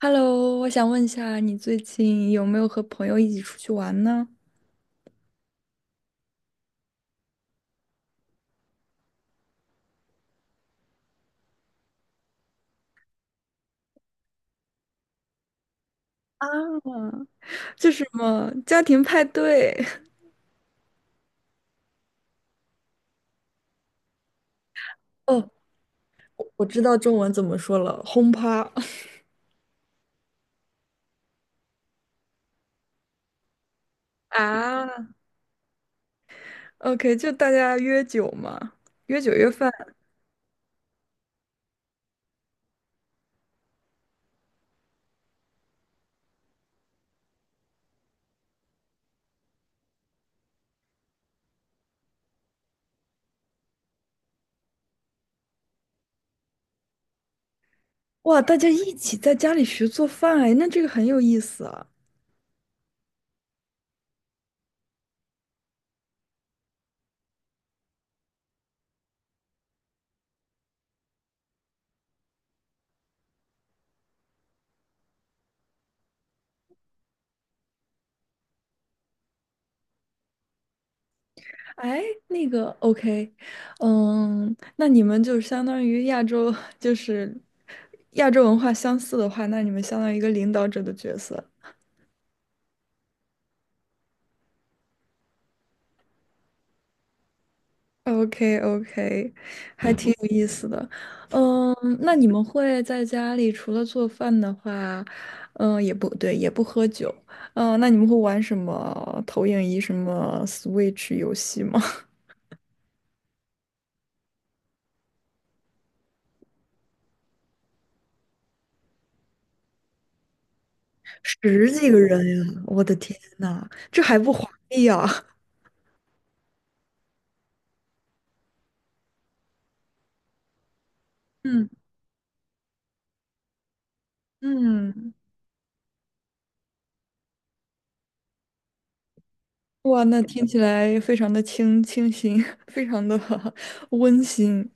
Hello,我想问一下，你最近有没有和朋友一起出去玩呢？啊，这是什么家庭派对？哦，我知道中文怎么说了，轰趴。啊，OK,就大家约酒嘛，约酒约饭。哇，大家一起在家里学做饭，哎，那这个很有意思啊。哎，那个 OK,嗯，那你们就相当于亚洲，就是亚洲文化相似的话，那你们相当于一个领导者的角色。OK OK,还嗯挺有意思的。嗯，那你们会在家里除了做饭的话，嗯，也不对，也不喝酒。嗯，那你们会玩什么投影仪、什么 Switch 游戏吗？十几个人呀！我的天呐，这还不华丽呀？嗯嗯，哇，那听起来非常的清新，非常的 温馨。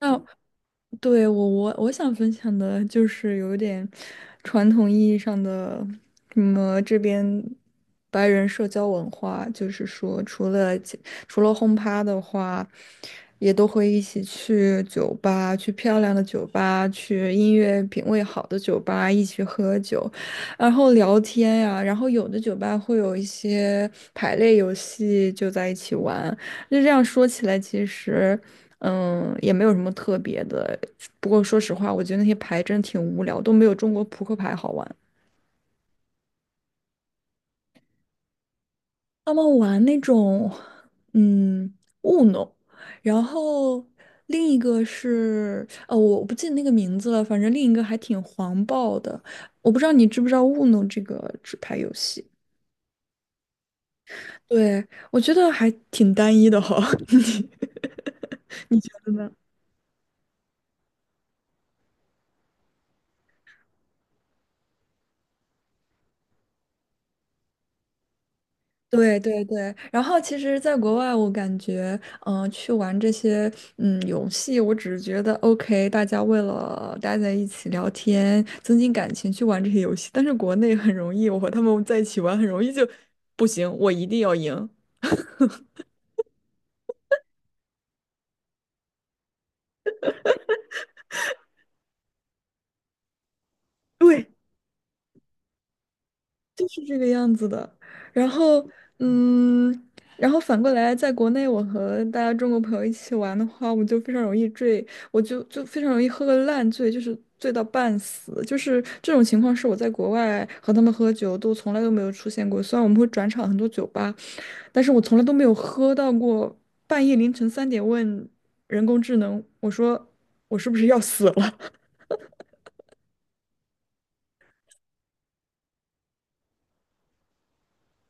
那。对，我想分享的就是有点传统意义上的什么这边白人社交文化，就是说除了轰趴的话，也都会一起去酒吧，去漂亮的酒吧，去音乐品味好的酒吧一起喝酒，然后聊天呀、然后有的酒吧会有一些排列游戏，就在一起玩。就这样说起来，其实，嗯，也没有什么特别的。不过说实话，我觉得那些牌真的挺无聊，都没有中国扑克牌好玩。他们玩那种，嗯 u n 然后另一个是，我不记得那个名字了，反正另一个还挺黄暴的。我不知道你知不知道 u n 这个纸牌游戏？对，我觉得还挺单一的哈，你你觉得呢？对对对，然后其实，在国外，我感觉，嗯、去玩这些，嗯，游戏，我只是觉得，OK,大家为了待在一起聊天，增进感情，去玩这些游戏。但是国内很容易，我和他们在一起玩，很容易就不行，我一定要赢。对。就是这个样子的。然后，嗯，然后反过来，在国内我和大家中国朋友一起玩的话，我就非常容易醉，我就非常容易喝个烂醉，就是醉到半死。就是这种情况是我在国外和他们喝酒都从来都没有出现过。虽然我们会转场很多酒吧，但是我从来都没有喝到过半夜凌晨三点问人工智能，我说我是不是要死了？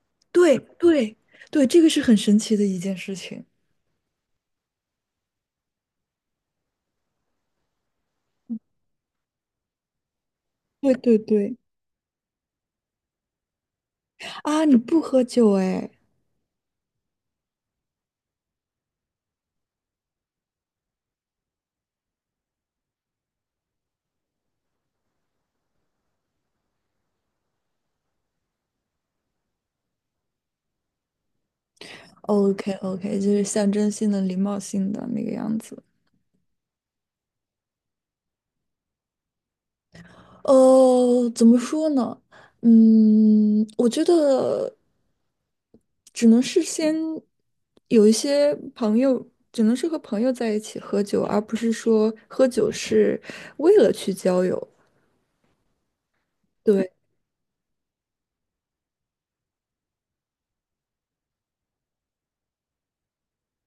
对对对，这个是很神奇的一件事情。对对对。啊，你不喝酒哎？OK OK,就是象征性的、礼貌性的那个样子。呃，怎么说呢？嗯，我觉得只能是先有一些朋友，只能是和朋友在一起喝酒，而不是说喝酒是为了去交友。对。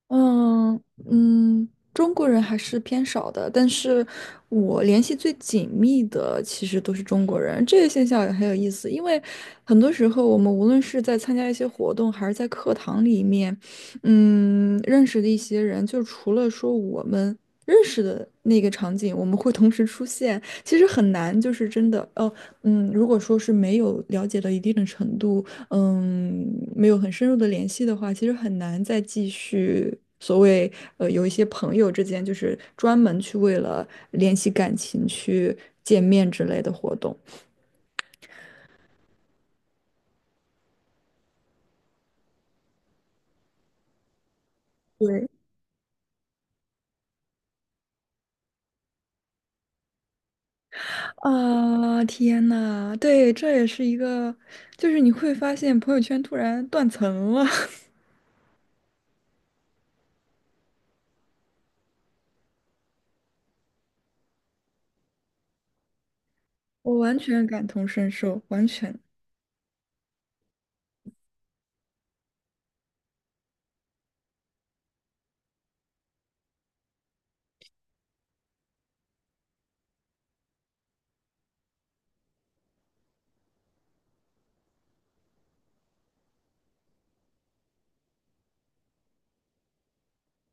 嗯嗯，中国人还是偏少的，但是我联系最紧密的其实都是中国人，这个现象也很有意思，因为很多时候我们无论是在参加一些活动，还是在课堂里面，嗯，认识的一些人，就除了说我们认识的那个场景，我们会同时出现，其实很难，就是真的哦，嗯，如果说是没有了解到一定的程度。嗯，没有很深入的联系的话，其实很难再继续所谓有一些朋友之间就是专门去为了联系感情去见面之类的活动。对啊，天呐，对，这也是一个，就是你会发现朋友圈突然断层了，我完全感同身受，完全。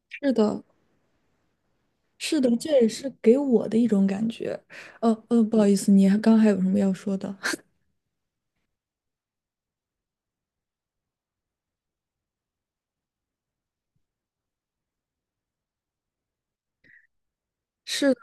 是的，是的，这也是给我的一种感觉。不好意思，你还刚还有什么要说的？是。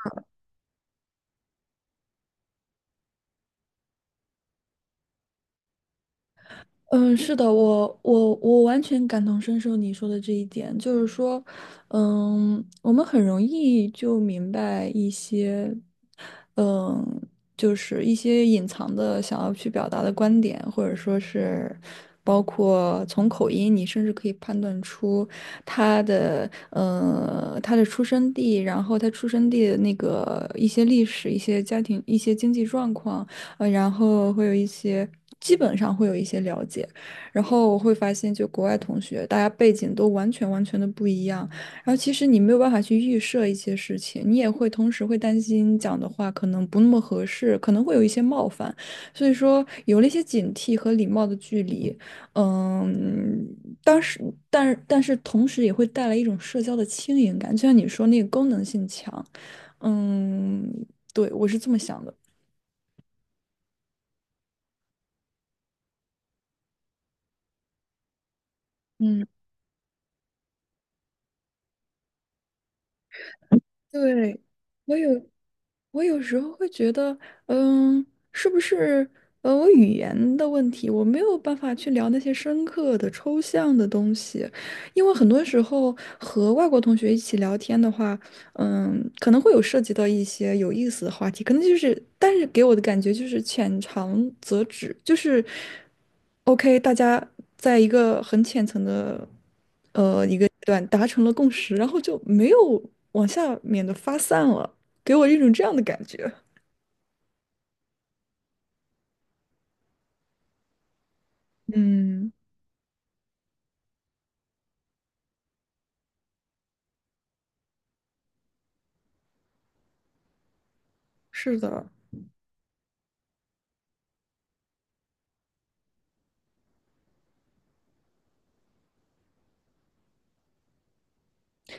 嗯，是的，我完全感同身受你说的这一点，就是说，嗯，我们很容易就明白一些，嗯，就是一些隐藏的想要去表达的观点，或者说是包括从口音，你甚至可以判断出他的出生地，然后他出生地的那个一些历史、一些家庭、一些经济状况。呃，然后会有一些，基本上会有一些了解，然后我会发现，就国外同学，大家背景都完全的不一样，然后其实你没有办法去预设一些事情，你也会同时会担心讲的话可能不那么合适，可能会有一些冒犯，所以说有了一些警惕和礼貌的距离，嗯，当时，但是同时也会带来一种社交的轻盈感，就像你说那个功能性强，嗯，对，我是这么想的。嗯。对，我有，我有时候会觉得，嗯，是不是我语言的问题，我没有办法去聊那些深刻的、抽象的东西，因为很多时候和外国同学一起聊天的话，嗯，可能会有涉及到一些有意思的话题，可能就是，但是给我的感觉就是浅尝辄止，就是 OK,大家在一个很浅层的。对，达成了共识，然后就没有往下面的发散了，给我一种这样的感觉。嗯，是的，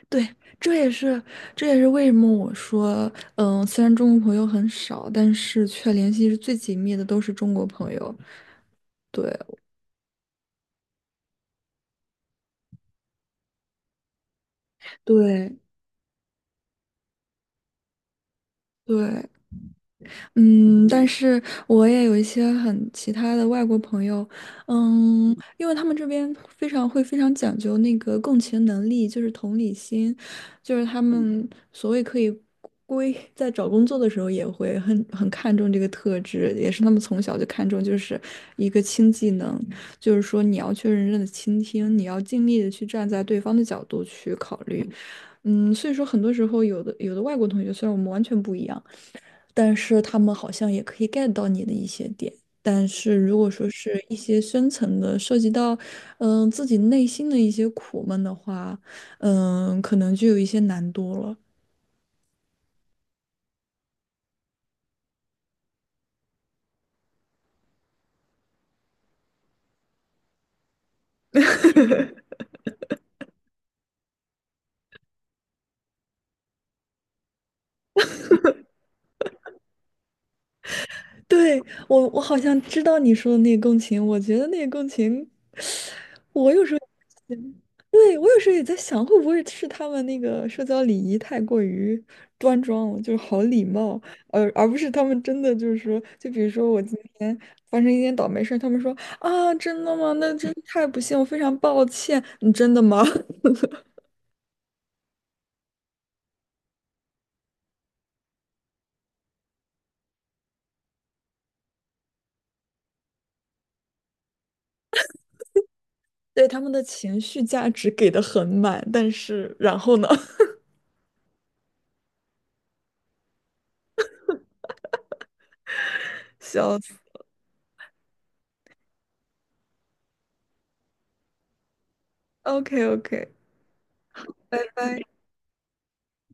对，这也是这也是为什么我说，嗯，虽然中国朋友很少，但是却联系是最紧密的都是中国朋友。对，对。对，嗯，但是我也有一些很其他的外国朋友，嗯，因为他们这边非常会非常讲究那个共情能力，就是同理心，就是他们所谓可以归在找工作的时候也会很看重这个特质，也是他们从小就看重，就是一个轻技能，就是说你要去认真的倾听，你要尽力的去站在对方的角度去考虑，嗯，所以说很多时候有的外国同学虽然我们完全不一样。但是他们好像也可以 get 到你的一些点。但是如果说是一些深层的，涉及到嗯、自己内心的一些苦闷的话，嗯、可能就有一些难度了。对，我我好像知道你说的那个共情，我觉得那个共情，我有时候，对，我有时候也在想，会不会是他们那个社交礼仪太过于端庄了，就是好礼貌，而不是他们真的就是说，就比如说我今天发生一件倒霉事儿，他们说啊，真的吗？那真是太不幸，我非常抱歉，你真的吗？对，他们的情绪价值给的很满，但是然后呢？笑死，OK OK。拜拜。